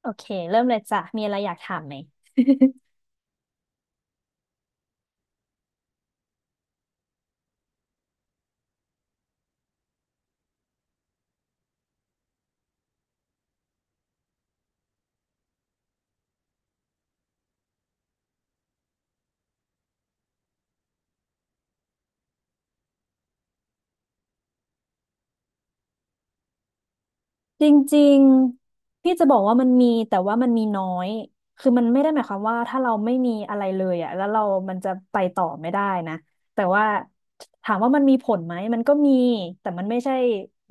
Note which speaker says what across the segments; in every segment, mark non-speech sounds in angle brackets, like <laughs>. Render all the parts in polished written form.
Speaker 1: โอเคเริ่มเลยจ้ะมีอะไรอยากถามไหม <laughs> จริงๆพี่จะบอกว่ามันมีแต่ว่ามันมีน้อยคือมันไม่ได้หมายความว่าถ้าเราไม่มีอะไรเลยอ่ะแล้วเรามันจะไปต่อไม่ได้นะแต่ว่าถามว่ามันมีผลไหมมันก็มีแต่มันไม่ใช่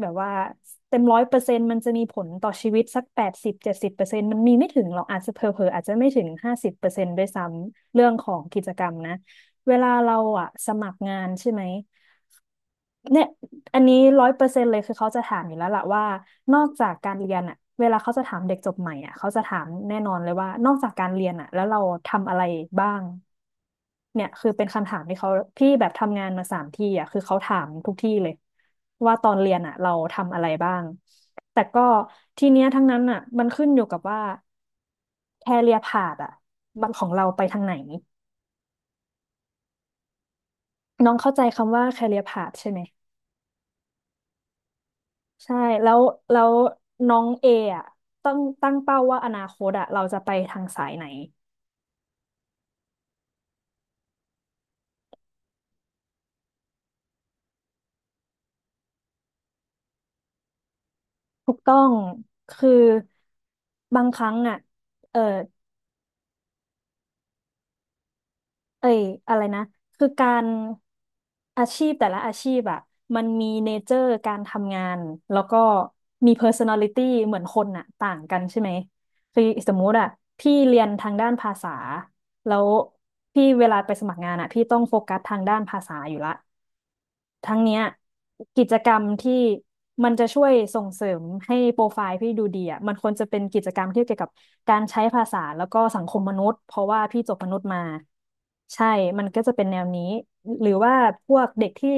Speaker 1: แบบว่าเต็มร้อยเปอร์เซ็นต์มันจะมีผลต่อชีวิตสัก8070%มันมีไม่ถึงหรอกอาจจะเผลอๆอาจจะไม่ถึง50%ด้วยซ้ำเรื่องของกิจกรรมนะเวลาเราอ่ะสมัครงานใช่ไหม เนี่ยอันนี้100%เลยคือเขาจะถามอยู่แล้วล่ะว่า นอกจากการเรียนอะเวลาเขาจะถามเด็กจบใหม่อะเขาจะถามแน่นอนเลยว่า นอกจากการเรียนอะแล้วเราทำอะไรบ้างเนี่ยคือเป็นคำถามที่เขาพี่แบบทำงานมาสามที่อะคือเขาถามทุกที่เลยว่าตอนเรียนอะเราทำอะไรบ้าง แต่ก็ทีเนี้ยทั้งนั้นอะมันขึ้นอยู่กับว่าแคเรียร์พาธอะบันของเราไปทางไหนน้องเข้าใจคำว่าแ a เรียพาใช่ไหม ใช่แล้วแล้วน้องเออ่ะต้องตั้งเป้าว่าอนาคตอ่ะเราจะไปทางสายไหนถูกต้องคือบางครั้งอ่ะเออเอ้ยอะไรนะคือการอาชีพแต่ละอาชีพอ่ะมันมีเนเจอร์การทำงานแล้วก็มี personality เหมือนคนอ่ะต่างกันใช่ไหมคือสมมุติอ่ะพี่เรียนทางด้านภาษาแล้วพี่เวลาไปสมัครงานอ่ะพี่ต้องโฟกัสทางด้านภาษาอยู่ละ ทั้งเนี้ยกิจกรรมที่มันจะช่วยส่งเสริมให้โปรไฟล์พี่ดูดีอ่ะมันควรจะเป็นกิจกรรมที่เกี่ยวกับการใช้ภาษาแล้วก็สังคมมนุษย์เพราะว่าพี่จบมนุษย์มาใช่มันก็จะเป็นแนวนี้หรือว่าพวกเด็กที่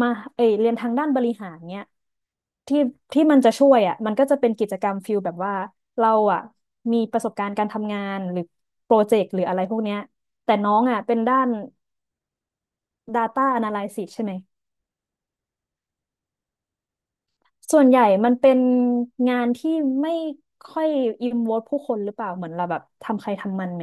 Speaker 1: มาเอยเรียนทางด้านบริหารเนี้ยที่ที่มันจะช่วยอ่ะมันก็จะเป็นกิจกรรมฟิลแบบว่าเราอ่ะมีประสบการณ์การทำงานหรือโปรเจกต์หรืออะไรพวกเนี้ยแต่น้องอ่ะเป็นด้าน Data Analysis ใช่ไหม ส่วนใหญ่มันเป็นงานที่ไม่ค่อยอินวอลผู้คนหรือเปล่าเหมือนเราแบบทำใครทำมันไหม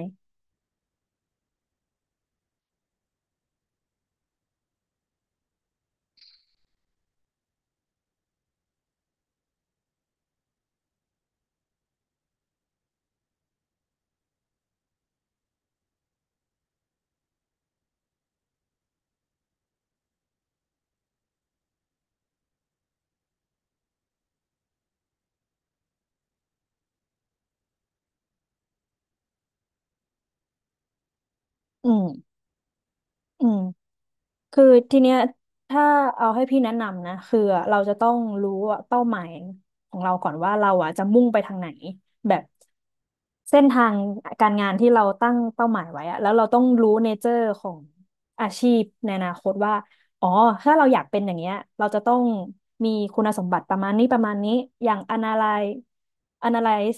Speaker 1: อืมอืม คือทีเนี้ยถ้าเอาให้พี่แนะนำนะคืออะเราจะต้องรู้ว่เป้าหมายของเราก่อนว่าเราอ่ะจะมุ่งไปทางไหนแบบเส้นทางการงานที่เราตั้งเป้าหมายไว้อะแล้วเราต้องรู้เนเจอร์ของอาชีพในอนาคตว่าอ๋อถ้าเราอยากเป็นอย่างเงี้ยเราจะต้องมีคุณสมบัติประมาณนี้ประมาณนี้อย่าง analyze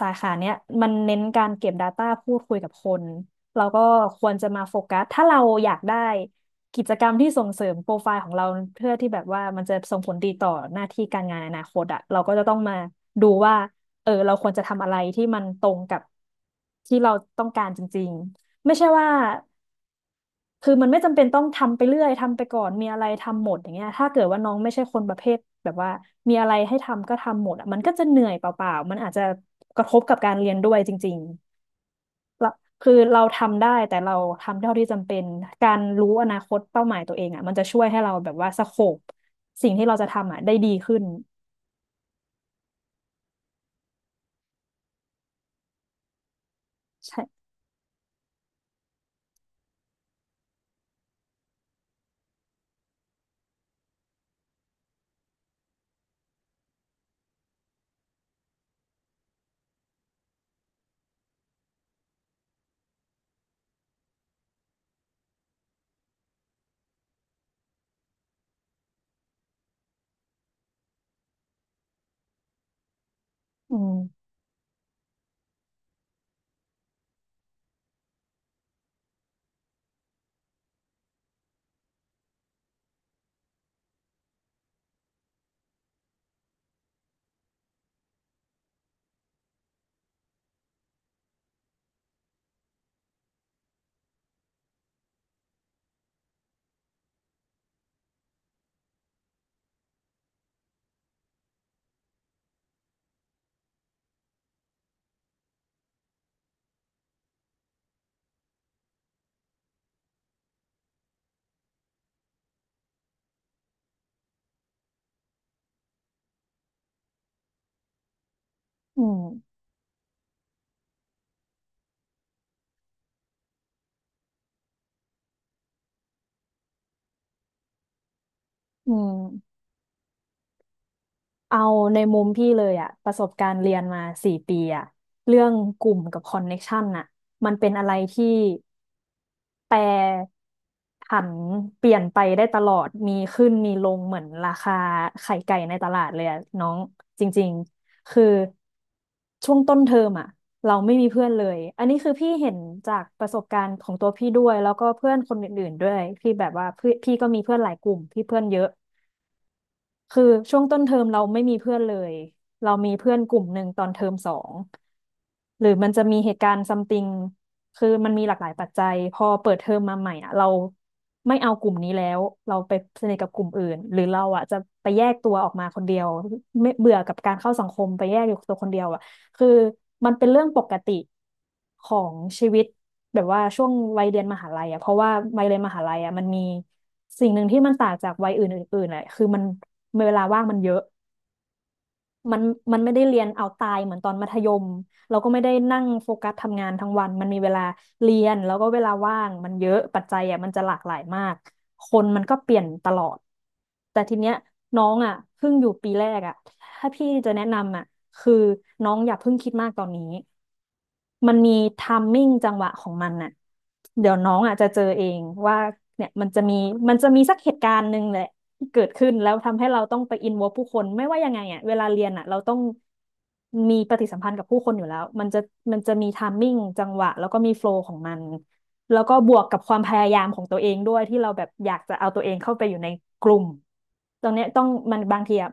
Speaker 1: สาขาเนี้ยมันเน้นการเก็บ Data พูดคุยกับคนเราก็ควรจะมาโฟกัสถ้าเราอยากได้ กิจกรรมที่ส่งเสริมโปรไฟล์ของเราเพื่อที่แบบว่ามันจะส่งผลดีต่อหน้าที่การงานอนาคตอะเราก็จะต้องมาดูว่าเออเราควรจะทำอะไรที่มันตรงกับที่เราต้องการจริงๆไม่ใช่ว่าคือมันไม่จำเป็นต้องทำไปเรื่อยทำไปก่อนมีอะไรทำหมดอย่างเงี้ยถ้าเกิดว่าน้องไม่ใช่คนประเภทแบบว่ามีอะไรให้ทำก็ทำหมดอะมันก็จะเหนื่อยเปล่าๆมันอาจจะกระทบกับการเรียนด้วยจริงๆ เราคือเราทำได้แต่เราทำเท่าที่จำเป็นการรู้อนาคตเป้าหมายตัวเองอ่ะมันจะช่วยให้เราแบบว่าสโคปสิ่งที่เราจะทำอ่ะได้ดีขึ้นใช่อืมอืมอืม เอาในมุมพี่เลยอะประสบการณ์เรียนมา4 ปีอะเรื่องกลุ่มกับคอนเน็กชันน่ะมันเป็นอะไรที่แปรผันเปลี่ยนไปได้ตลอดมีขึ้นมีลงเหมือนราคาไข่ไก่ในตลาดเลยอะน้องจริงๆคือช่วงต้นเทอมอะเราไม่มีเพื่อนเลยอันนี้คือพี่เห็นจากประสบการณ์ของตัวพี่ด้วยแล้วก็เพื่อนคนอื่นๆด้วยพี่แบบว่าพี่ก็มีเพื่อนหลายกลุ่มพี่เพื่อนเยอะ คือช่วงต้นเทอมเราไม่มีเพื่อนเลยเรามีเพื่อนกลุ่มหนึ่งตอนเทอมสอง หรือมันจะมีเหตุการณ์ซัมติงคือมันมีหลากหลายปัจจัยพอเปิดเทอมมาใหม่อ่ะเราไม่เอากลุ่มนี้แล้ว เราไปสนิทกับกลุ่มอื่นหรือเราอ่ะจะไปแยกตัวออกมาคนเดียวไม่เบื่อกับการเข้าสังคมไปแยกอยู่ตัวคนเดียวอ่ะคือมันเป็นเรื่องปกติของชีวิต แบบว่าช่วงวัยเรียนมหาลัยอ่ะเพราะว่าวัยเรียนมหาลัยอ่ะมันมีสิ่งหนึ่งที่มันต่างจากวัยอื่นอื่นๆอ่ะคือมันเวลาว่างมันเยอะ มันมันไม่ได้เรียนเอาตายเหมือนตอนมัธยมเราก็ไม่ได้นั่งโฟกัสทำงานทั้งวันมันมีเวลาเรียนแล้วก็เวลาว่างมันเยอะปัจจัยอ่ะมันจะหลากหลายมากคนมันก็เปลี่ยนตลอดแต่ทีเนี้ยน้องอ่ะเพิ่งอยู่ปีแรกอ่ะถ้าพี่จะแนะนำอ่ะคือน้องอย่าเพิ่งคิดมากตอนนี้มันมีไทมิ่งจังหวะของมันน่ะเดี๋ยวน้องอ่ะจะเจอเองว่าเนี่ยมันจะมีสักเหตุการณ์หนึ่งแหละ เกิดขึ้นแล้วทำให้เราต้องไปอินวอลผู้คนไม่ว่ายังไงอ่ะเวลาเรียนอ่ะเราต้องมีปฏิสัมพันธ์กับผู้คนอยู่แล้วมันจะมีไทมิ่งจังหวะแล้วก็มีโฟลว์ของมันแล้วก็บวกกับความพยายามของตัวเองด้วยที่เราแบบอยากจะเอาตัวเองเข้าไปอยู่ในกลุ่มตรงเนี้ยต้องมันบางทีอ่ะ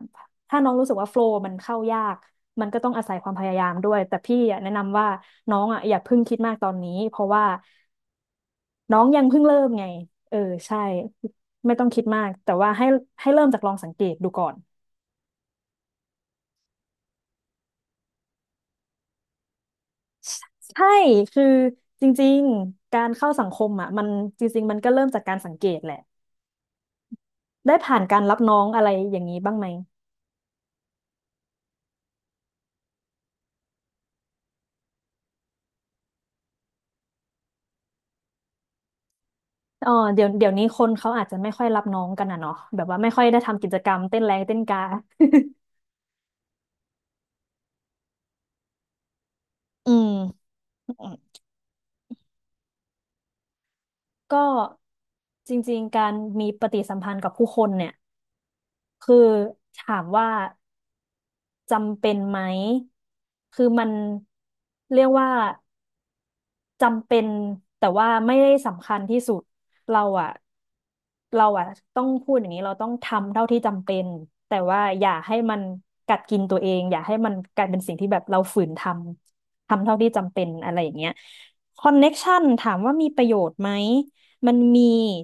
Speaker 1: ถ้าน้องรู้สึกว่าโฟลว์มันเข้ายากมันก็ต้องอาศัยความพยายามด้วยแต่พี่อะแนะนำว่าน้องอ่ะอย่าเพิ่งคิดมากตอนนี้เพราะว่า น้องยังเพิ่งเริ่มไงเออใช่ไม่ต้องคิดมากแต่ว่าให้เริ่มจากลองสังเกตดูก่อนใช่คือจริงๆการเข้าสังคมอ่ะมันจริงๆมันก็เริ่มจากการสังเกตแหละได้ผ่านการรับน้องอะไรอย่างนี้บ้างไหมอ๋อเดี๋ยวนี้คนเขาอาจจะไม่ค่อยรับน้องกันอ่ะเนาะแบบว่าไม่ค่อยได้ทำกิจกรรมเต้นแรงเต้นกา <laughs> อืมก็จริงๆการมีปฏิสัมพันธ์กับผู้คนเนี่ยคือถามว่า จำเป็นไหม คือมันเรียกว่าจำเป็นแต่ว่าไม่ได้สำคัญที่สุดเราอะเราอะต้องพูดอย่างนี้เราต้องทำเท่าที่จำเป็นแต่ว่าอย่าให้มันกัดกินตัวเองอย่าให้มันกลายเป็นสิ่งที่แบบเราฝืนทำเท่าที่จำเป็นอะไรอย่างเงี้ยคอนเน็กชันถามว่ามีประโยชน์ไหมมันมี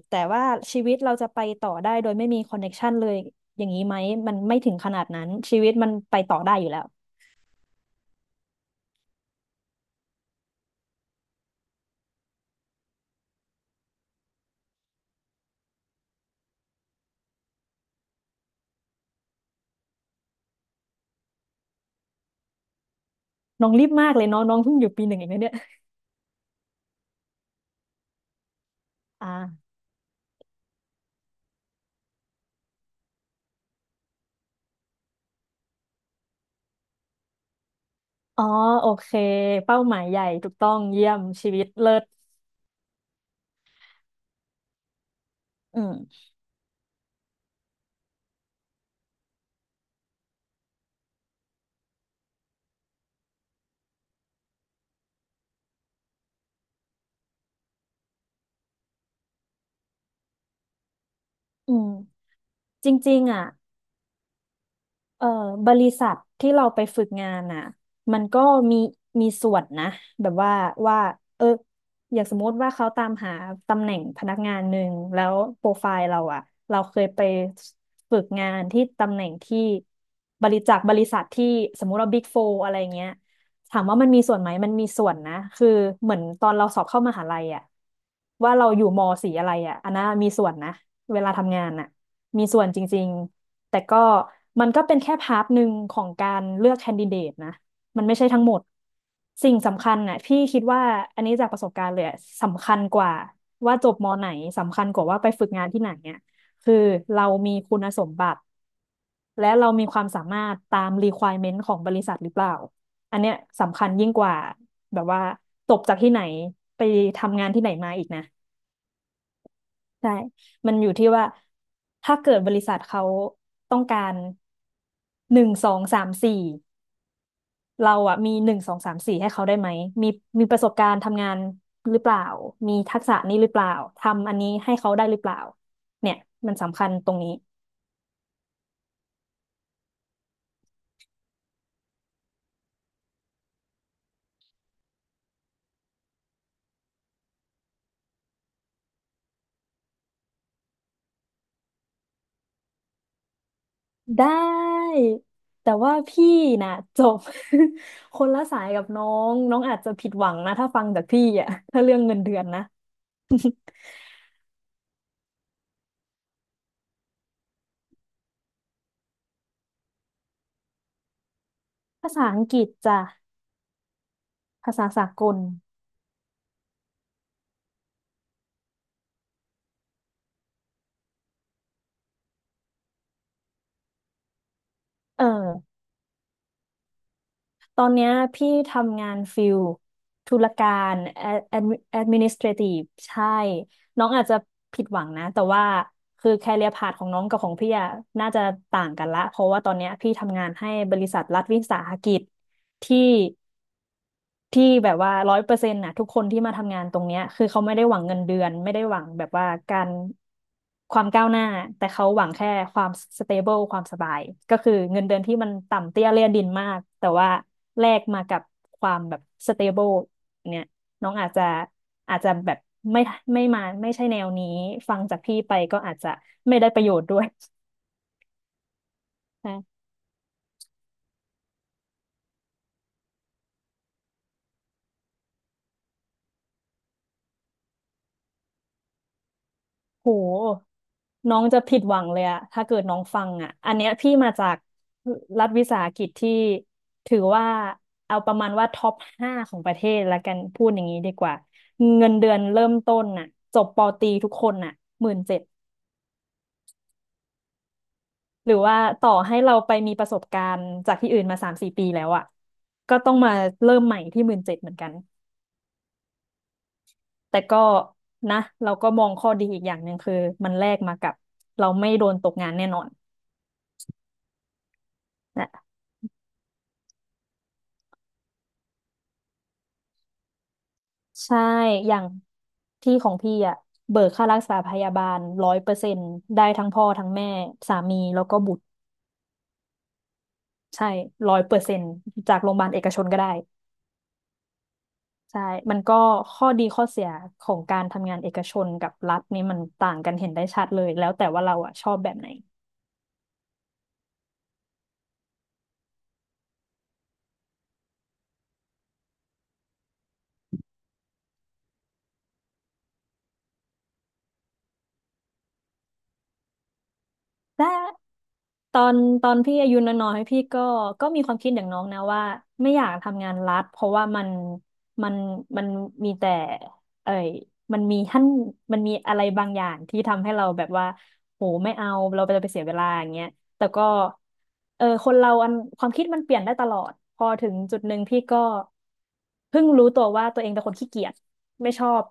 Speaker 1: แต่ว่าชีวิตเราจะไปต่อได้โดยไม่มีคอนเน็กชันเลยอย่างนี้ไหมมันไม่ถึงขนาดนั้นชีวิตมันไปต่อได้อยู่แล้ว น้องรีบมากเลยเนาะน้องเพิ่งอยู่ปีหนึ่งเองนะเนี่ยอ่าอ๋อโอเคเป้าหมายใหญ่ถูกต้องเยี่ยมชีวิตเลิศอืมอืมจริงๆอ่ะเอ่อบริษัทที่เราไปฝึกงานอ่ะมันก็มีมีส่วนนะแบบว่าว่าเอออย่างสมมติว่าเขาตามหาตำแหน่งพนักงานหนึ่งแล้วโปรไฟล์เราอ่ะเราเคยไปฝึกงานที่ตำแหน่งที่บริจากบริษัทที่สมมติว่าบิ๊กโฟอะไรเงี้ย ถามว่ามันมีส่วนไหมมันมีส่วนนะคือเหมือนตอนเราสอบเข้ามหาลัยอะว่าเราอยู่ม สีอะไรอะอันนั้นมีส่วนนะเวลาทำงานอะมีส่วนจริงๆแต่ก็มันก็เป็นแค่พาร์ทหนึ่งของการเลือกแคนดิเดตนะมันไม่ใช่ทั้งหมด สิ่งสำคัญน่ะพี่คิดว่าอันนี้จากประสบการณ์เลยอะสำคัญกว่าว่าจบม ไหนสำคัญกว่าว่าไปฝึกงานที่ไหนเนี่ยคือเรามีคุณสมบัติและเรามีความสามารถตาม requirement ของบริษัทหรือเปล่า อันเนี้ยสำคัญยิ่งกว่าแบบว่าจบจากที่ไหนไปทำงานที่ไหนมาอีกนะใช่มันอยู่ที่ว่าถ้าเกิดบริษัทเขาต้องการหนึ่งสองสามสี่เราอะมีหนึ่งสองสามสี่ให้เขาได้ไหมมีมีประสบการณ์ทำงานหรือเปล่ามีทักษะนี้หรือเปล่าทำอันนี้ให้เขาได้หรือเปล่าเนี่ยมันสำคัญตรงนี้ ได้แต่ว่าพี่น่ะจบ <laughs> คนละสายกับน้องน้องอาจจะผิดหวังนะถ้าฟังจากพี่อ่ะถ้าเรื่องเงินเดือนนะภาษาอังกฤษจ้ะภาษาสากลเออตอนเนี้ยพี่ทำงานฟิลธุรการแอดมินิสเทรทีฟใช่น้องอาจจะผิดหวังนะแต่ว่าคือแคเรียพาธของน้องกับของพี่อะน่าจะต่างกันละเพราะว่าตอนเนี้ยพี่ทำงานให้บริษัทรัฐวิสาหกิจที่ ที่แบบว่า100%นะทุกคนที่มาทำงานตรงเนี้ยคือเขาไม่ได้หวังเงินเดือนไม่ได้หวังแบบว่าการความก้าวหน้าแต่เขาหวังแค่ความสเตเบิลความสบายก็คือเงินเดือนที่มันต่ำเตี้ยเลี่ยดินมากแต่ว่าแลกมากับความแบบสเตเบิลเนี่ยน้องอาจจะแบบไม่ไม่มาไม่ใช่แนวนี้ฟังจากพี่ไปก็อาจจะไม่ได้ประโยชน์ด้วย <laughs> ใช่ โหน้องจะผิดหวังเลยอะถ้าเกิดน้องฟังอะอันเนี้ยพี่มาจากรัฐวิสาหกิจที่ถือว่าเอาประมาณว่าท็อป5ของประเทศละกันพูดอย่างนี้ดีกว่าเงินเดือนเริ่มต้นน่ะจบปอตรีทุกคนน่ะหมื่นเจ็ดหรือว่าต่อให้เราไปมีประสบการณ์จากที่อื่นมา3-4ปีแล้วอะก็ต้องมาเริ่มใหม่ที่หมื่นเจ็ดเหมือนกันแต่ก็นะเราก็มองข้อดีอีกอย่างหนึ่งคือมันแลกมากับเราไม่โดนตกงานแน่นอน ใช่ อย่างที่ของพี่อะเบิกค่ารักษาพยาบาลร้อยเปอร์เซ็นต์ได้ทั้งพ่อทั้งแม่สามีแล้วก็บุตรใช่ร้อยเปอร์เซ็นต์จากโรงพยาบาลเอกชนก็ได้ใช่มันก็ข้อดีข้อเสียของการทำงานเอกชนกับรัฐนี่มันต่างกันเห็นได้ชัดเลยแล้วแต่ว่าเราอะชอบแบบไหน แต่ตอนตอนพี่อายุน้อยๆพี่ก็มีความคิดอย่างน้องนะว่าไม่อยากทำงานรัฐเพราะว่ามันมันมันมีแต่เอ่ยมันมีท่านมันมีอะไรบางอย่างที่ทำให้เราแบบว่าโหไม่เอาเราจะไปเสียเวลาอย่างเงี้ย แต่ก็เออคนเราความคิดมันเปลี่ยนได้ตลอดพอถึงจุดหนึ่งพี่ก็เพิ่งรู้ตัวว่าตัวเองเป็นคนขี้เกียจไม่ชอบ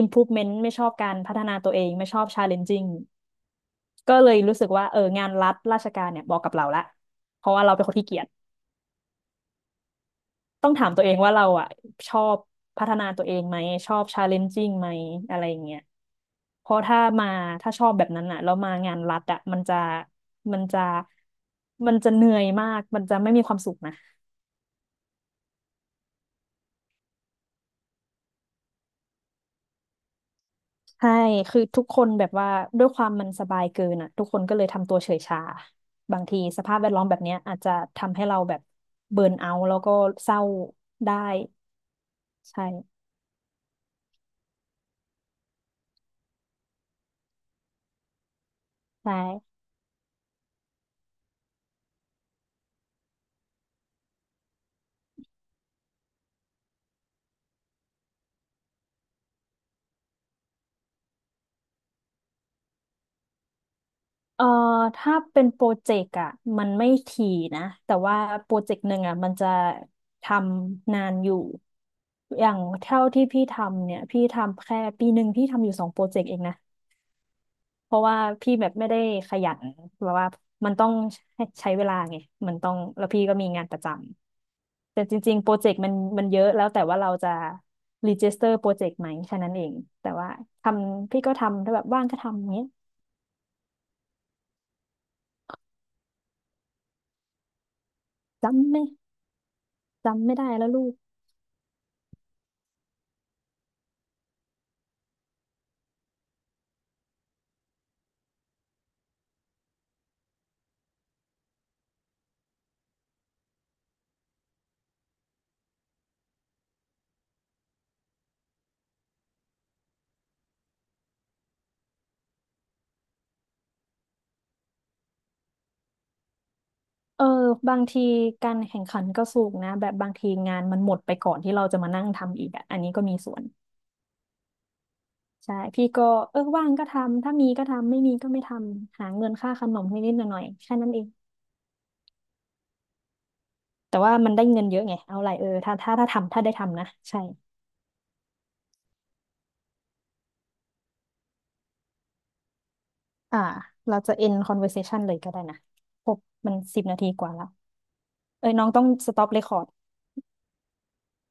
Speaker 1: improvement ไม่ชอบการพัฒนาตัวเองไม่ชอบ challenging ก็เลยรู้สึกว่าเอองานรัฐราชการเนี่ยบอกกับเราละเพราะว่าเราเป็นคนขี้เกียจ ต้องถามตัวเองว่าเราอ่ะชอบพัฒนาตัวเองไหมชอบชาเลนจิ่งไหมอะไรอย่างเงี้ยเพราะถ้าถ้าชอบแบบนั้นอ่ะแล้วมางานรัฐอ่ะมันจะมันจะเหนื่อยมากมันจะไม่มีความสุขนะใช่คือทุกคนแบบว่าด้วยความมันสบายเกินอ่ะทุกคนก็เลยทำตัวเฉยชาบางทีสภาพแวดล้อมแบบเนี้ยอาจจะทำให้เราแบบเบิร์นเอาท์แล้วก็เศร้าได้ใช่ใช่ เอ่อถ้าเป็นโปรเจกต์อ่ะมันไม่ถี่นะแต่ว่าโปรเจกต์หนึ่งอ่ะมันจะทำนานอยู่อย่างเท่าที่พี่ทำเนี่ยพี่ทำแค่ปีหนึ่งพี่ทำอยู่2โปรเจกต์เองนะเพราะว่าพี่แบบไม่ได้ขยันแบบว่ามันต้องใช้เวลาไงมันต้องแล้วพี่ก็มีงานประจำแต่จริงๆโปรเจกต์มันเยอะแล้วแต่ว่าเราจะรีจิสเตอร์โปรเจกต์ไหมแค่นั้นเองแต่ว่าทำพี่ก็ทำถ้าแบบว่างก็ทำอย่างเงี้ยจำไม่จำไม่ได้แล้วลูก เออบางทีการแข่งขันก็สูงนะแบบบางทีงานมันหมดไปก่อนที่เราจะมานั่งทำอีกอ่ะอันนี้ก็มีส่วนใช่พี่ก็เออว่างก็ทำถ้ามีก็ทำไม่มีก็ไม่ทำหาเงินค่าขนมนิดๆหน่อยๆแค่นั้นเองแต่ว่ามันได้เงินเยอะไงเอาไรเออถ้าได้ทำนะใช่อ่าเราจะ end conversation เลยก็ได้นะครบมัน10นาทีกว่าแล้วเอ้ยน้องต้อง stop record